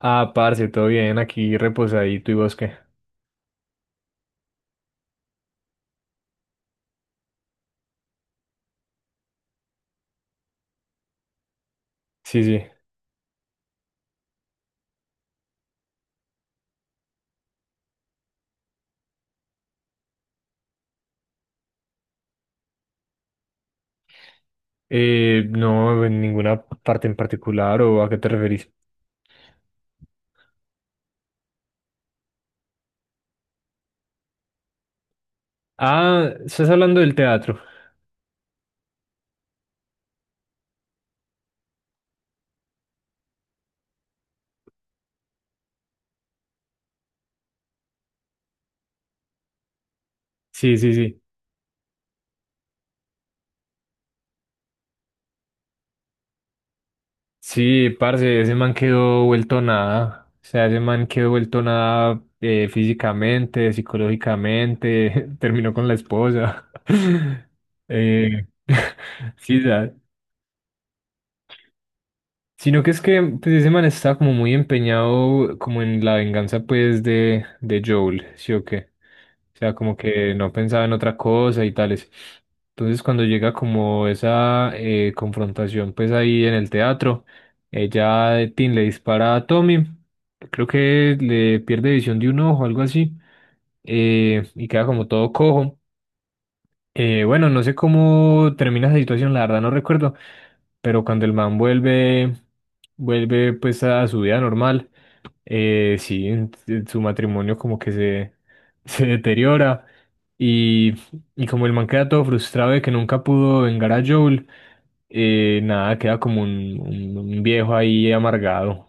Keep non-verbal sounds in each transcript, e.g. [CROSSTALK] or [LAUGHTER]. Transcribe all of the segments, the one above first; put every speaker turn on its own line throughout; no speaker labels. Ah, parce, todo bien, aquí reposadito y bosque. Sí, sí. No, en ninguna parte en particular o a qué te referís. Ah, estás hablando del teatro. Sí, sí, sí. Sí, parce, ese man quedó vuelto nada. O sea, ese man quedó vuelto nada físicamente, psicológicamente, [LAUGHS] terminó con la esposa. [LAUGHS] Eh, [LAUGHS] sí, ¿sabes? Sino que es que pues ese man está como muy empeñado como en la venganza pues de Joel, ¿sí o qué? O sea, como que no pensaba en otra cosa y tales. Entonces cuando llega como esa confrontación pues ahí en el teatro, ella, Tin, le dispara a Tommy, creo que le pierde visión de un ojo, algo así, y queda como todo cojo. Bueno, no sé cómo termina esa situación, la verdad no recuerdo, pero cuando el man vuelve, vuelve pues a su vida normal, sí, en su matrimonio como que se, [LAUGHS] se deteriora y, y como el man queda todo frustrado de que nunca pudo vengar a Joel, nada, queda como un, un viejo ahí amargado.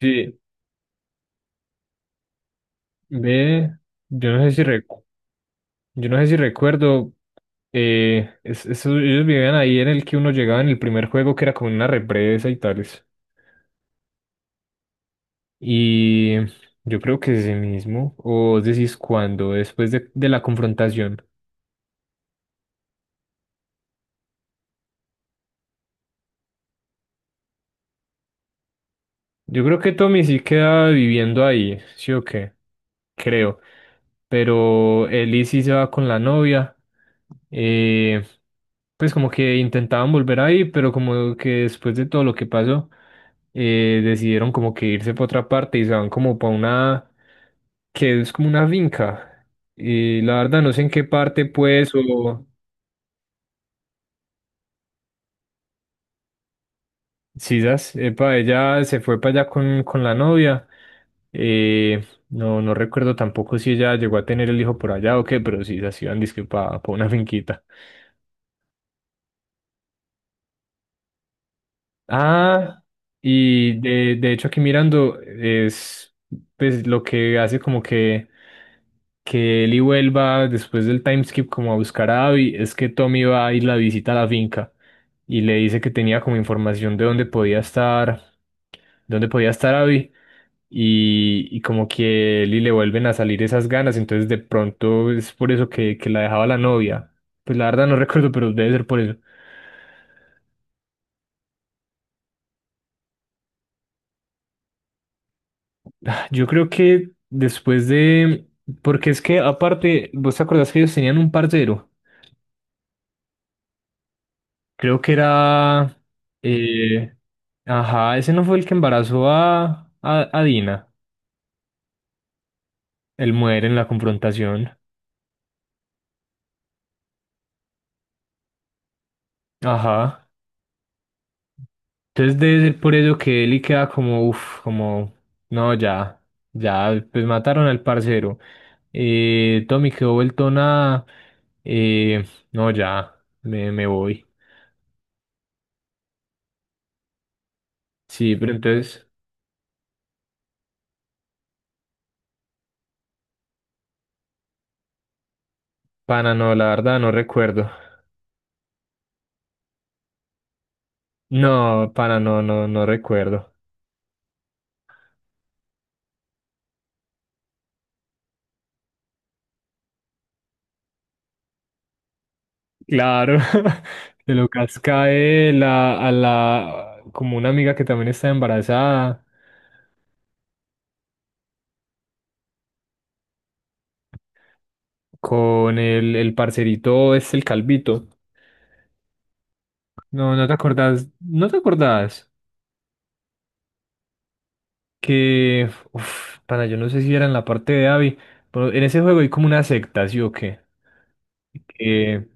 Sí, ve, yo no sé si recuerdo. Yo no sé si recuerdo, ellos vivían ahí en el que uno llegaba en el primer juego, que era como una represa y tales. Y yo creo que ese mismo, o decís cuando, después de la confrontación. Yo creo que Tommy sí queda viviendo ahí, ¿sí o qué? Creo. Pero Ellie sí se va con la novia. Eh, pues como que intentaban volver ahí, pero como que después de todo lo que pasó, decidieron como que irse para otra parte y se van como para una, que es como una finca. Y la verdad no sé en qué parte pues o... Sisas, epa, ella se fue para allá con la novia. No, no recuerdo tampoco si ella llegó a tener el hijo por allá o qué, pero Sisas iban disque para una finquita. Ah, y de hecho aquí mirando es pues lo que hace como que Eli vuelva después del time skip como a buscar a Abby, es que Tommy va a ir la visita a la finca y le dice que tenía como información de dónde podía estar Abby. Y, y como que él y le vuelven a salir esas ganas, entonces de pronto es por eso que la dejaba la novia. Pues la verdad no [LAUGHS] recuerdo, pero debe ser por eso. Ah, yo creo que después de... Porque es que aparte, ¿vos te acordás que ellos tenían un parcero? Creo que era... eh, ajá, ese no fue el que embarazó a, a Dina, el muere en la confrontación. Ajá. Entonces debe ser por eso que Eli queda como, uff, como, no, ya, ya, pues mataron al parcero. Tommy quedó vuelto nada. Eh, no, ya, me voy. Sí, pero entonces, pana, no, la verdad no recuerdo. No, pana, no, no, no recuerdo. Claro, [LAUGHS] se lo casca él a la, como una amiga que también está embarazada, con el parcerito, es el calvito. No, no te acordás, no te acordás que, uff, pana, yo no sé si era en la parte de Abby, pero en ese juego hay como una secta, ¿sí o qué? Que,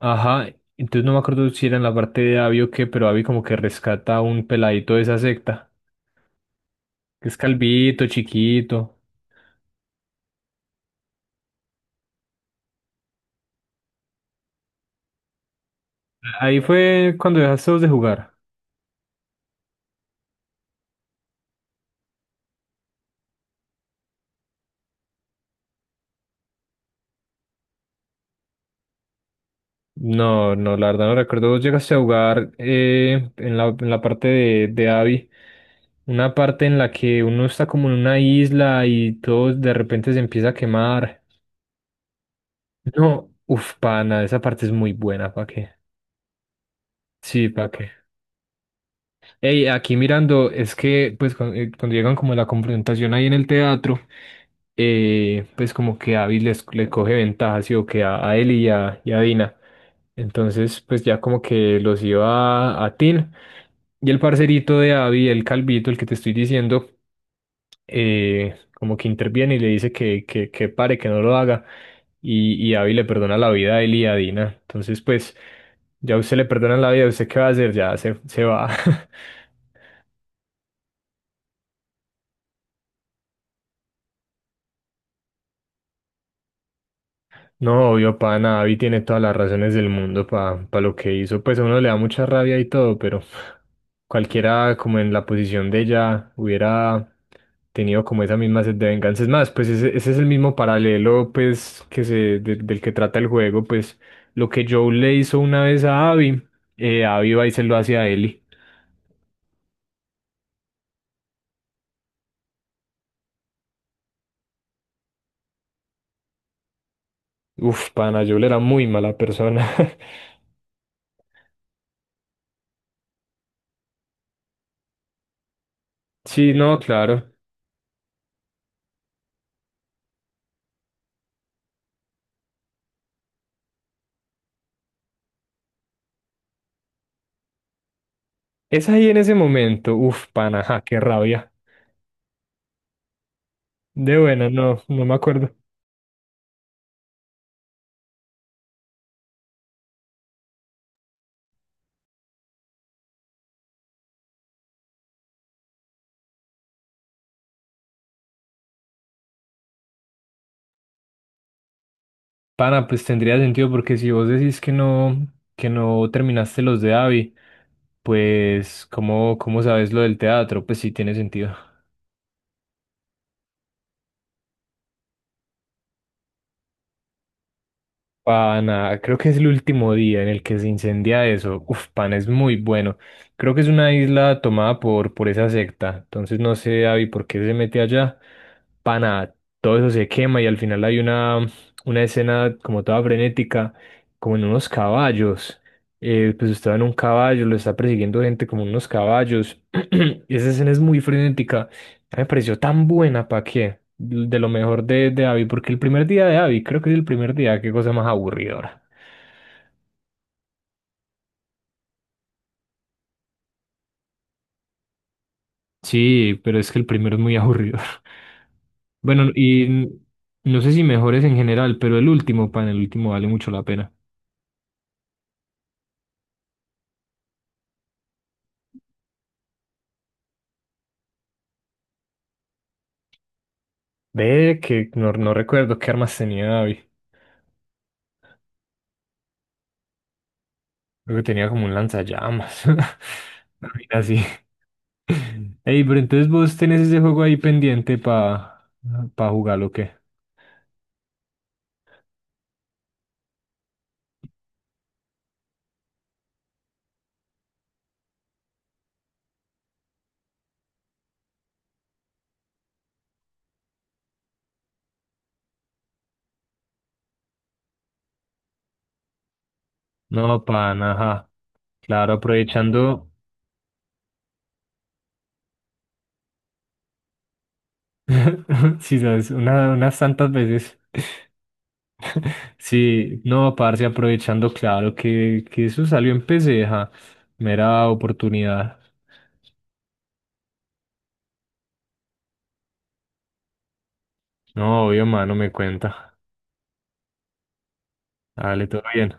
ajá, entonces no me acuerdo si era en la parte de Abby o qué, pero Abby como que rescata a un peladito de esa secta, que es calvito, chiquito. Ahí fue cuando dejaste vos de jugar. No, no, la verdad no recuerdo. Vos llegaste a jugar en la parte de Abby, una parte en la que uno está como en una isla y todo de repente se empieza a quemar. No, uff, pana, esa parte es muy buena, ¿para qué? Sí, ¿para qué? Ey, aquí mirando, es que pues cuando, llegan como a la confrontación ahí en el teatro, pues como que Abby les, le coge ventaja, sí, o que a él y a Dina. Entonces, pues ya como que los iba a Tin. Y el parcerito de Abby, el calvito, el que te estoy diciendo, como que interviene y le dice que, que pare, que no lo haga. Y Abby le perdona la vida a él y a Dina. Entonces, pues, ya usted le perdona la vida, ¿usted qué va a hacer? Ya se va. [LAUGHS] No, obvio, pa, nada, Avi tiene todas las razones del mundo pa pa lo que hizo. Pues a uno le da mucha rabia y todo, pero cualquiera como en la posición de ella hubiera tenido como esa misma sed de venganza. Es más, pues ese es el mismo paralelo pues que se, del que trata el juego, pues lo que Joe le hizo una vez a Abby, Abby va y se lo hace a Ellie. Uf, pana, Joel era muy mala persona. [LAUGHS] Sí, no, claro. Es ahí en ese momento, uf, pana, ja, qué rabia. De buena, no, no me acuerdo. Pana, pues tendría sentido porque si vos decís que no terminaste los de Avi, pues ¿cómo, cómo sabes lo del teatro? Pues sí tiene sentido. Pana, creo que es el último día en el que se incendia eso. Uf, pana, es muy bueno. Creo que es una isla tomada por esa secta. Entonces no sé, Avi, por qué se mete allá. Pana, todo eso se quema y al final hay una escena como toda frenética, como en unos caballos. Pues estaba en un caballo, lo está persiguiendo gente como unos caballos. [CLEARS THROAT] Y esa escena es muy frenética. A mí me pareció tan buena, ¿para qué? De lo mejor de Abby, porque el primer día de Abby, creo que es el primer día, qué cosa más aburridora. Sí, pero es que el primero es muy aburridor. [LAUGHS] Bueno, no sé si mejores en general, pero el último, pan, el último vale mucho la pena. Ve que no, no recuerdo qué armas tenía Abby. Creo que tenía como un lanzallamas. [LAUGHS] Una vaina así. [LAUGHS] Ey, pero entonces vos tenés ese juego ahí pendiente para pa pa jugarlo, ¿o qué? No, pan, ajá. Claro, aprovechando, [LAUGHS] sí, sabes, unas tantas veces. [LAUGHS] Sí, no, parce, aprovechando, claro, que eso salió en PC, ajá. Mera oportunidad. No, obvio, mano, me cuenta. Dale, todo bien.